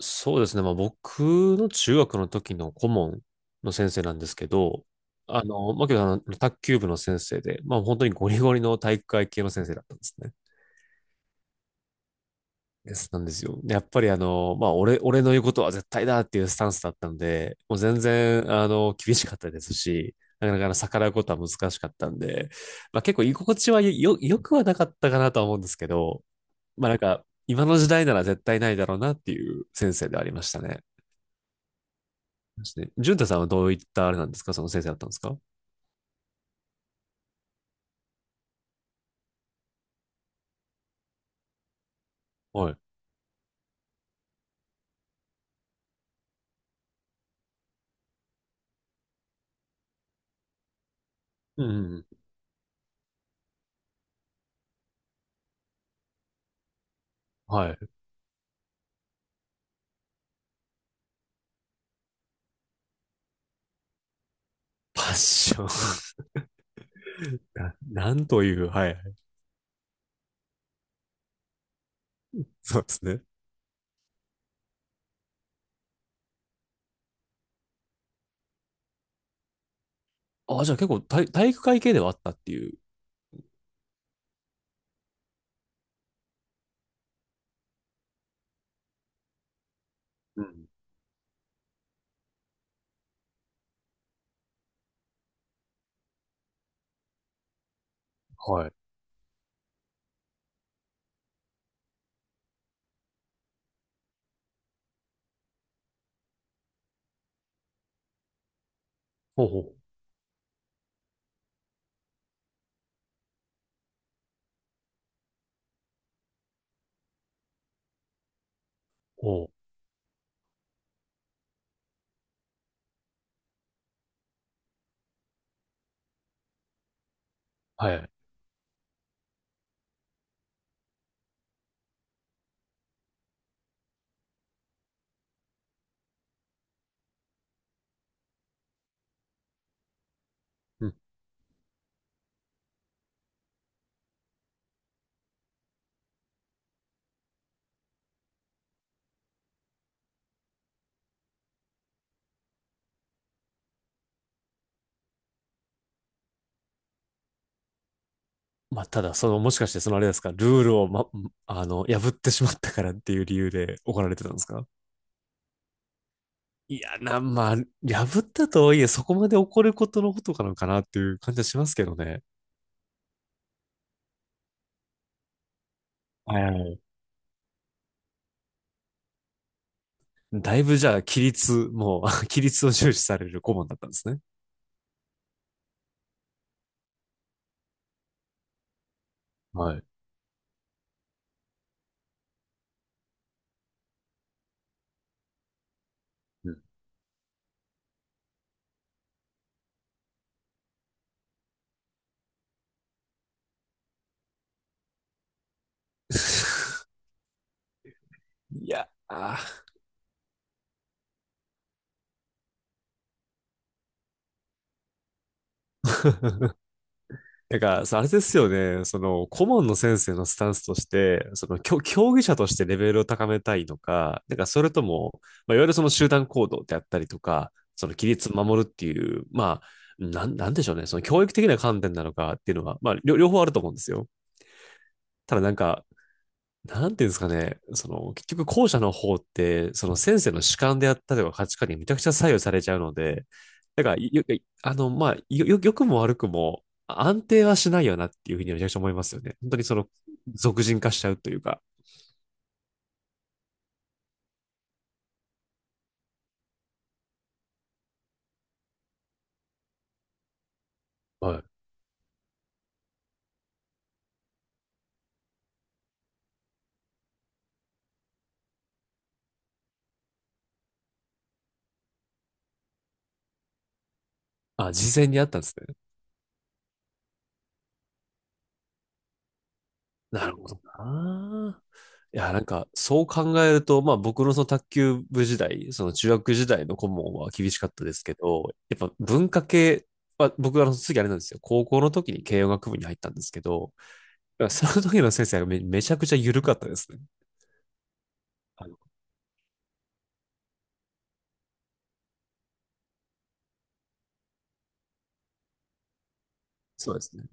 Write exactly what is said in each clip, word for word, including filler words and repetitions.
そうですね。まあ、僕の中学の時の顧問の先生なんですけど、あの、まあ、けどあの、卓球部の先生で、まあ、本当にゴリゴリの体育会系の先生だったんですね。です、なんですよ。で、やっぱりあの、まあ、俺、俺の言うことは絶対だっていうスタンスだったんで、もう全然、あの、厳しかったですし、なかなか逆らうことは難しかったんで、まあ、結構居心地はよ、よくはなかったかなとは思うんですけど、まあ、なんか、今の時代なら絶対ないだろうなっていう先生ではありましたね。ですね。淳太さんはどういったあれなんですか、その先生だったんですか？はい。うんうんうん。はい。パッション。 な。なんという、はい。そうですね。あ、じゃあ結構体、体育会系ではあったっていう。うん。はい。ほうほう。ほう。はいはい。うん。まあ、ただ、その、もしかして、そのあれですか、ルールを、ま、あの、破ってしまったからっていう理由で怒られてたんですか？いや、な、まあ、破ったとはいえ、そこまで怒ることのことかなのかなっていう感じはしますけどね。はいはい。だいぶじゃあ、規律、もう、規律を重視される顧問だったんですね。はい。うん。 いや、あ、だからさ、あれですよね。その、顧問の先生のスタンスとして、その、き競技者としてレベルを高めたいのか、なんかそれとも、まあ、いわゆるその集団行動であったりとか、その規律を守るっていう、まあ、なん、なんでしょうね。その教育的な観点なのかっていうのは、まあ、両両方あると思うんですよ。ただなんか、なんていうんですかね、その、結局後者の方って、その先生の主観であったりとか価値観にめちゃくちゃ左右されちゃうので、だから、よ、よあの、まあ、よ、よ良くも悪くも安定はしないよなっていうふうにめちゃくちゃ思いますよね。本当にその、俗人化しちゃうというか。はい。あ、事前にあったんですね。なるほどな。いや、なんか、そう考えると、まあ僕のその卓球部時代、その中学時代の顧問は厳しかったですけど、やっぱ文化系は、僕はあの次あれなんですよ。高校の時に慶応学部に入ったんですけど、その時の先生がめ、めちゃくちゃ緩かったですね。あの、そうですね。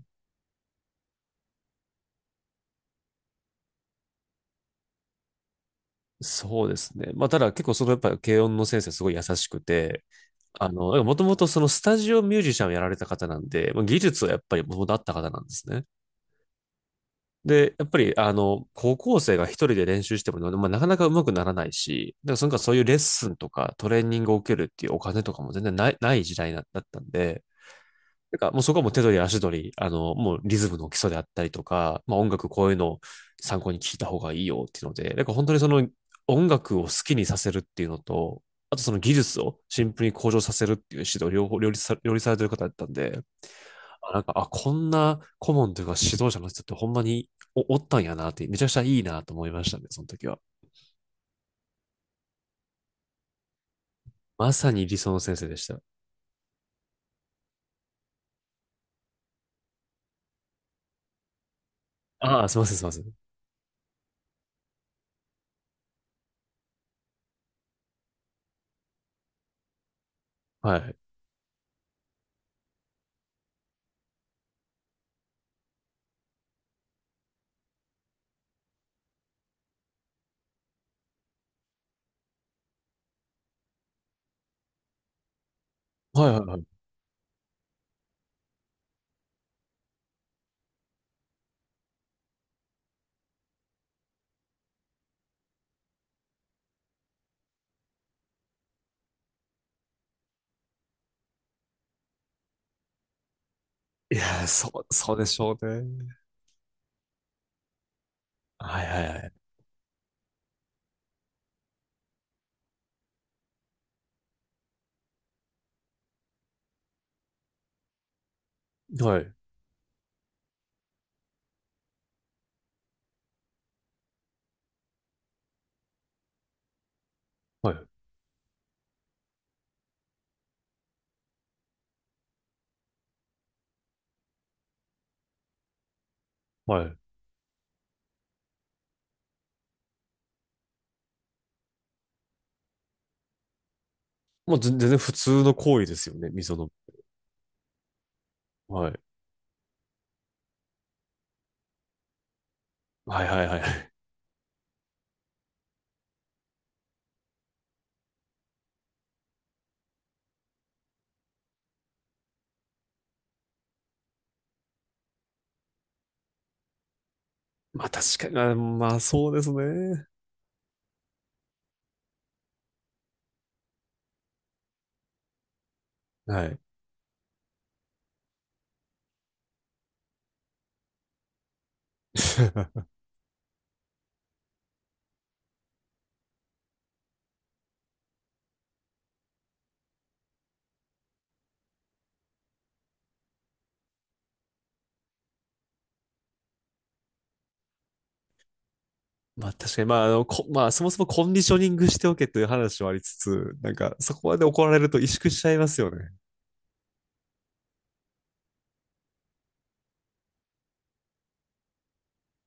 そうですね。まあ、ただ結構そのやっぱり慶の先生すごい優しくて、あの、もともとそのスタジオミュージシャンをやられた方なんで、まあ技術はやっぱりもともとあった方なんですね。で、やっぱり、あの、高校生が一人で練習しても、まあ、なかなか上手くならないし、だからそのかそういうレッスンとかトレーニングを受けるっていうお金とかも全然ない、ない時代だだったんで、なんかもうそこはもう手取り足取り、あの、もうリズムの基礎であったりとか、まあ音楽こういうのを参考に聞いた方がいいよっていうので、なんか本当にその音楽を好きにさせるっていうのと、あとその技術をシンプルに向上させるっていう指導両方両立さ、両立されてる方だったんで、あ、なんか、あ、こんな顧問というか指導者の人ってほんまにお、おったんやなって、めちゃくちゃいいなと思いましたね、その時は。まさに理想の先生でした。ああ、すいません、すいません。はい。はいはいはい。いや、そう、そうでしょうね。はいはいはい。はい、はい、はい。もう全全然普通の行為ですよね、溝の。はい。はいはいはい。まあ確かに、まあまあそうですね。はい。まあ確かに、まあ、あの、こ、まあそもそもコンディショニングしておけという話はありつつ、なんかそこまで怒られると萎縮しちゃいますよね。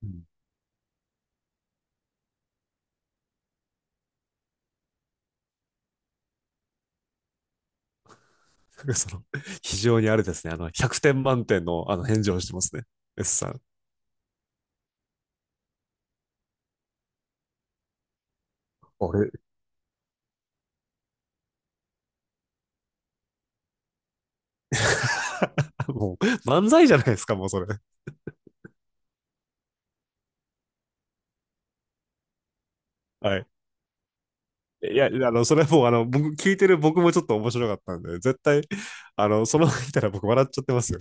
うん。なんかその、非常にあれですね、あの、ひゃくてん満点のあの返事をしてますね。S さん。あれ。 もう、漫才じゃないですか、もうそれ。はい。いや、あの、それはもう、あの、僕、聞いてる僕もちょっと面白かったんで、絶対、あの、そのまま見たら僕笑っちゃってますよ。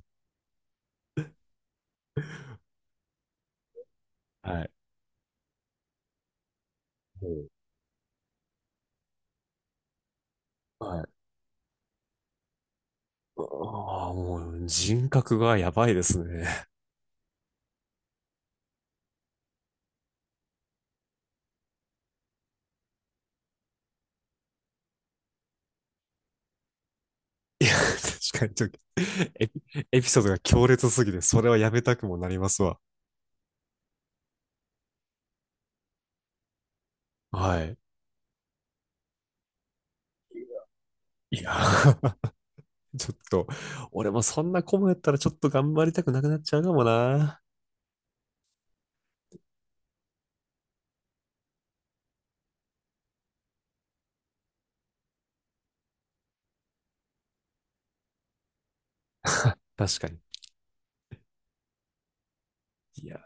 はい。うん。はい。ああ、もう人格がやばいですね。いや、確かにちょっとエピ、エピソードが強烈すぎて、それはやめたくもなりますわ。はい。いやー、ちょっと、俺もそんなコムやったらちょっと頑張りたくなくなっちゃうかもな。確かに。いや